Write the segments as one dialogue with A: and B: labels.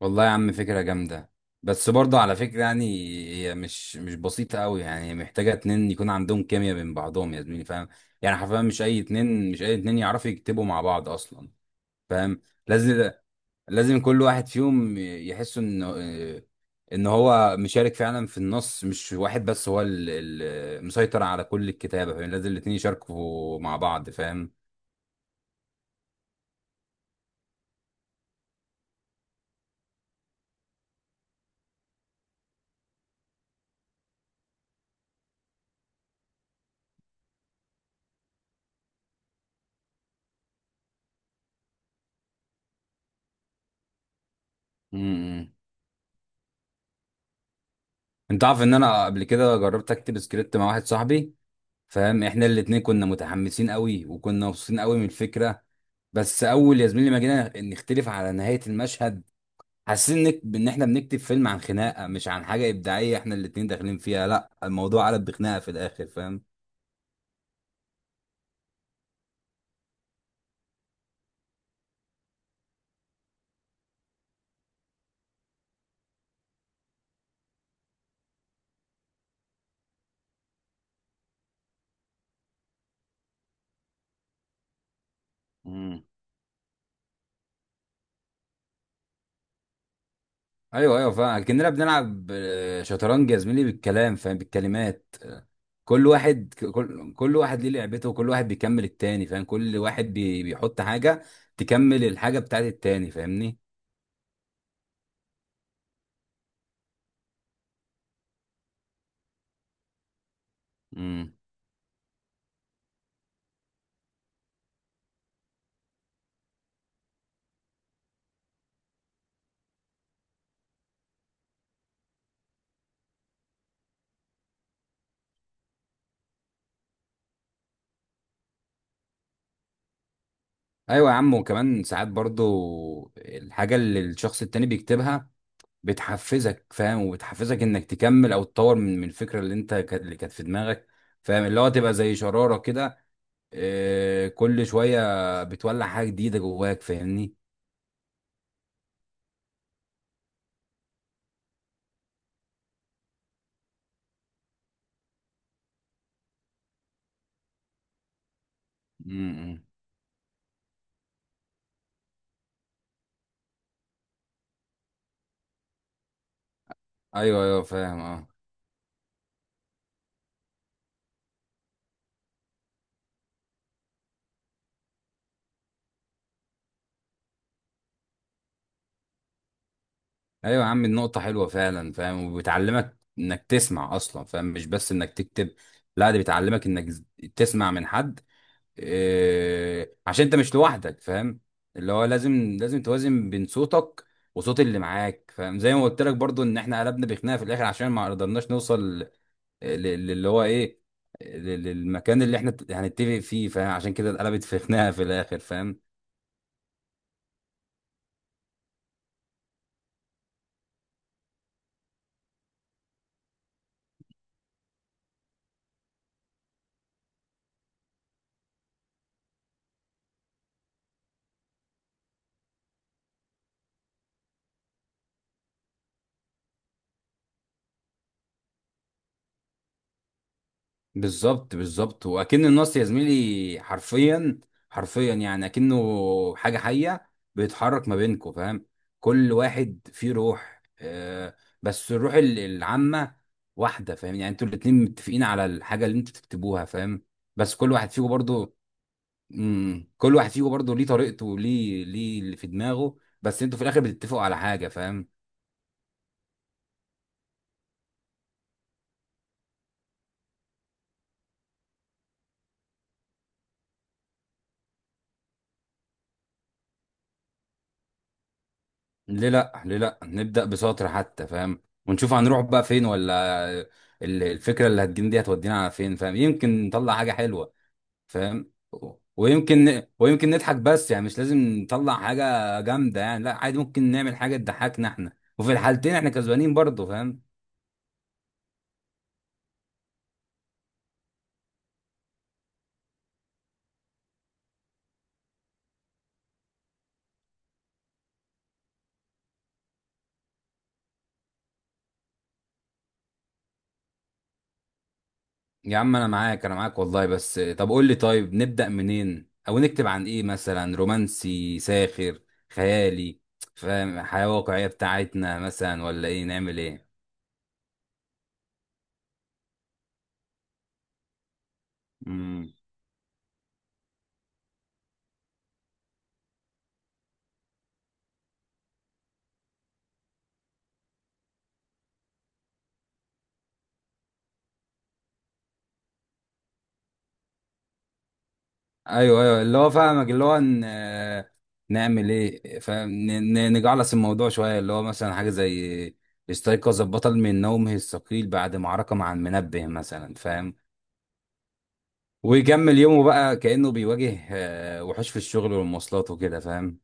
A: والله يا عم، فكرة جامدة. بس برضه على فكرة يعني هي مش بسيطة قوي. يعني هي محتاجة اتنين يكون عندهم كيمياء بين بعضهم يا زميلي، فاهم. يعني حرفيا مش أي اتنين يعرفوا يكتبوا مع بعض أصلا، فاهم. لازم لازم كل واحد فيهم يحس إن هو مشارك فعلا في النص، مش واحد بس هو اللي مسيطر على كل الكتابة، فاهم. لازم الاتنين يشاركوا مع بعض، فاهم. م- م. انت عارف ان انا قبل كده جربت اكتب سكريبت مع واحد صاحبي، فاهم. احنا الاتنين كنا متحمسين قوي وكنا مبسوطين قوي من الفكره. بس اول يا زميلي ما جينا نختلف على نهايه المشهد، حاسين ان احنا بنكتب فيلم عن خناقه مش عن حاجه ابداعيه احنا الاتنين داخلين فيها. لا، الموضوع قلب بخناقه في الاخر، فاهم. مم. ايوه ايوه فاهم، كاننا بنلعب شطرنج يا زميلي بالكلام، فاهم، بالكلمات. كل واحد كل واحد ليه لعبته وكل واحد بيكمل التاني، فاهم. كل واحد بيحط حاجه تكمل الحاجه بتاعت التاني، فاهمني. مم. ايوه يا عم، وكمان ساعات برضو الحاجه اللي الشخص التاني بيكتبها بتحفزك، فاهم، وبتحفزك انك تكمل او تطور من الفكره اللي انت كانت اللي كانت في دماغك، فاهم. اللي هو تبقى زي شراره كده. كل شويه بتولع حاجه جديده جواك، فاهمني. امم. ايوه ايوه فاهم، اه. ايوه يا عم النقطه حلوه فعلا، فاهم، وبتعلمك انك تسمع اصلا، فاهم. مش بس انك تكتب، لا، دي بتعلمك انك تسمع من حد، إيه، عشان انت مش لوحدك، فاهم. اللي هو لازم، لازم توازن بين صوتك وصوت اللي معاك، فاهم. زي ما قلت لك برضو ان احنا قلبنا بخناقه في الاخر عشان ما قدرناش نوصل للي هو ايه، للمكان اللي احنا هنتفق فيه، فاهم. عشان كده اتقلبت في خناقه في الاخر، فاهم. بالظبط بالظبط، واكن النص يا زميلي حرفيا، حرفيا يعني اكنه حاجه حيه بيتحرك ما بينكم، فاهم. كل واحد فيه روح. بس الروح العامه واحده، فاهم. يعني انتوا الاتنين متفقين على الحاجه اللي انتوا تكتبوها، فاهم. بس كل واحد فيكم برضو، كل واحد فيكم برضو ليه طريقته وليه اللي في دماغه، بس انتوا في الاخر بتتفقوا على حاجه، فاهم. ليه لا، ليه لا نبدأ بسطر حتى، فاهم. ونشوف هنروح بقى فين، ولا الفكرة اللي هتجيلنا دي هتودينا على فين، فاهم. يمكن نطلع حاجة حلوة، فاهم. ويمكن نضحك، بس يعني مش لازم نطلع حاجة جامدة يعني. لا، عادي ممكن نعمل حاجة تضحكنا احنا. وفي الحالتين احنا كسبانين برضه، فاهم. يا عم انا معاك، انا معاك والله. بس طب قول لي، طيب نبدأ منين او نكتب عن ايه؟ مثلا رومانسي ساخر خيالي، فاهم. حياة واقعية بتاعتنا مثلا ولا ايه نعمل ايه؟ امم. ايوه ايوه اللي هو فاهمك، اللي هو ن... آه، نعمل ايه؟ فاهم. نجعلص الموضوع شويه، اللي هو مثلا حاجه زي استيقظ البطل من نومه الثقيل بعد معركه مع المنبه مثلا، فاهم. ويكمل يومه بقى كانه بيواجه وحوش في الشغل والمواصلات وكده، فاهم.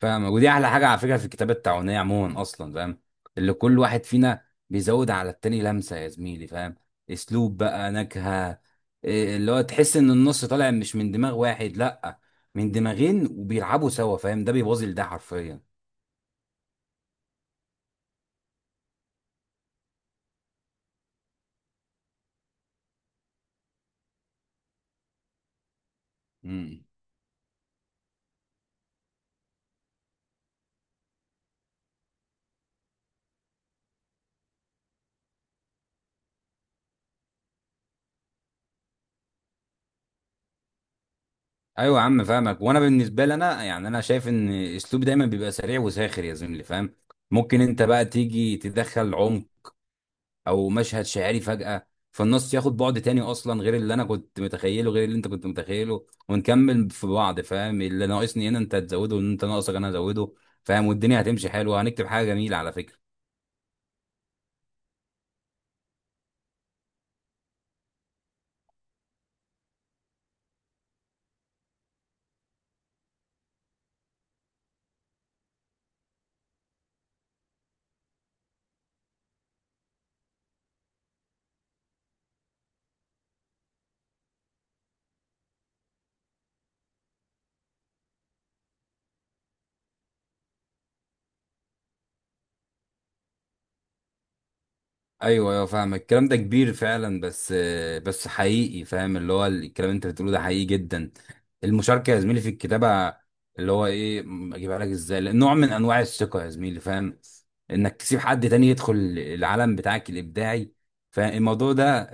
A: فاهم ودي احلى حاجه على فكره في الكتابه التعاونيه عموما اصلا، فاهم. اللي كل واحد فينا بيزود على التاني لمسه يا زميلي، فاهم. اسلوب بقى، نكهه، إيه. اللي هو تحس ان النص طالع مش من دماغ واحد، لا، من دماغين وبيلعبوا سوا، فاهم. ده بيبوظ ده حرفيا. امم. ايوه يا عم فاهمك. وانا بالنسبه لي انا يعني انا شايف ان اسلوبي دايما بيبقى سريع وساخر يا زميلي، فاهم. ممكن انت بقى تيجي تدخل عمق او مشهد شعري فجأة، فالنص ياخد بعد تاني اصلا، غير اللي انا كنت متخيله غير اللي انت كنت متخيله، ونكمل في بعض، فاهم. اللي ناقصني هنا انت هتزوده، وان انت ناقصك انا هزوده، فاهم. والدنيا هتمشي حلوة، هنكتب حاجة جميلة على فكرة. ايوه ايوه فاهم، الكلام ده كبير فعلا. بس بس حقيقي، فاهم. اللي هو الكلام اللي انت بتقوله ده حقيقي جدا. المشاركه يا زميلي في الكتابه، اللي هو ايه، اجيبها لك ازاي؟ لأ، نوع من انواع الثقه يا زميلي، فاهم. انك تسيب حد تاني يدخل العالم بتاعك الابداعي. فالموضوع ده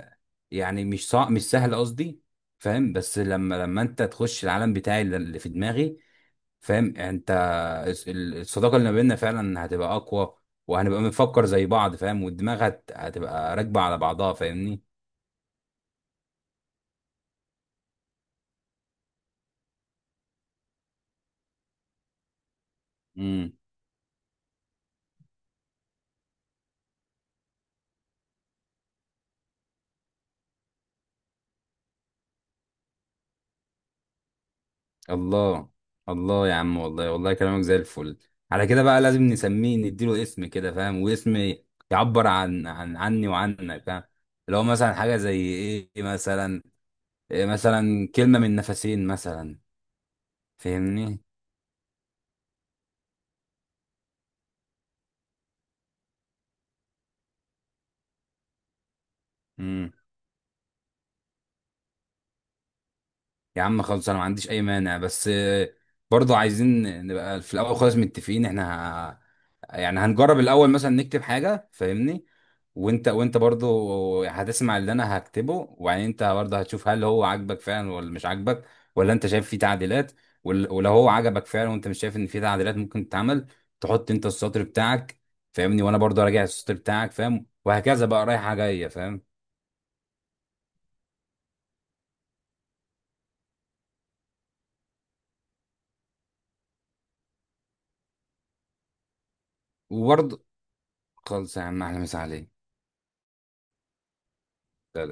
A: يعني مش صعب، مش سهل قصدي، فاهم. بس لما انت تخش العالم بتاعي اللي في دماغي، فاهم. يعني انت، الصداقه اللي ما بيننا فعلا هتبقى اقوى، وهنبقى بنفكر زي بعض، فاهم. والدماغ هتبقى راكبه على بعضها، فاهمني. امم. الله، الله يا عم، والله والله كلامك زي الفل. على كده بقى لازم نسميه، نديله اسم كده، فاهم. واسم يعبر عن عن عني وعنك، فاهم. لو مثلا حاجه زي ايه مثلا، إيه مثلا، كلمه من نفسين مثلا، فاهمني. يا عم خلاص انا ما عنديش اي مانع، بس برضه عايزين نبقى في الاول خالص متفقين احنا. يعني هنجرب الاول مثلا نكتب حاجه، فاهمني. وانت برضه هتسمع اللي انا هكتبه، وبعدين انت برضه هتشوف هل هو عاجبك فعلا ولا مش عاجبك، ولا انت شايف فيه تعديلات. ولو هو عجبك فعلا وانت مش شايف ان فيه تعديلات ممكن تتعمل، تحط انت السطر بتاعك، فاهمني. وانا برضه راجع السطر بتاعك، فاهم، وهكذا بقى رايحه جايه، فاهم. وبرضه خلص يا عم، احلى مسا عليك.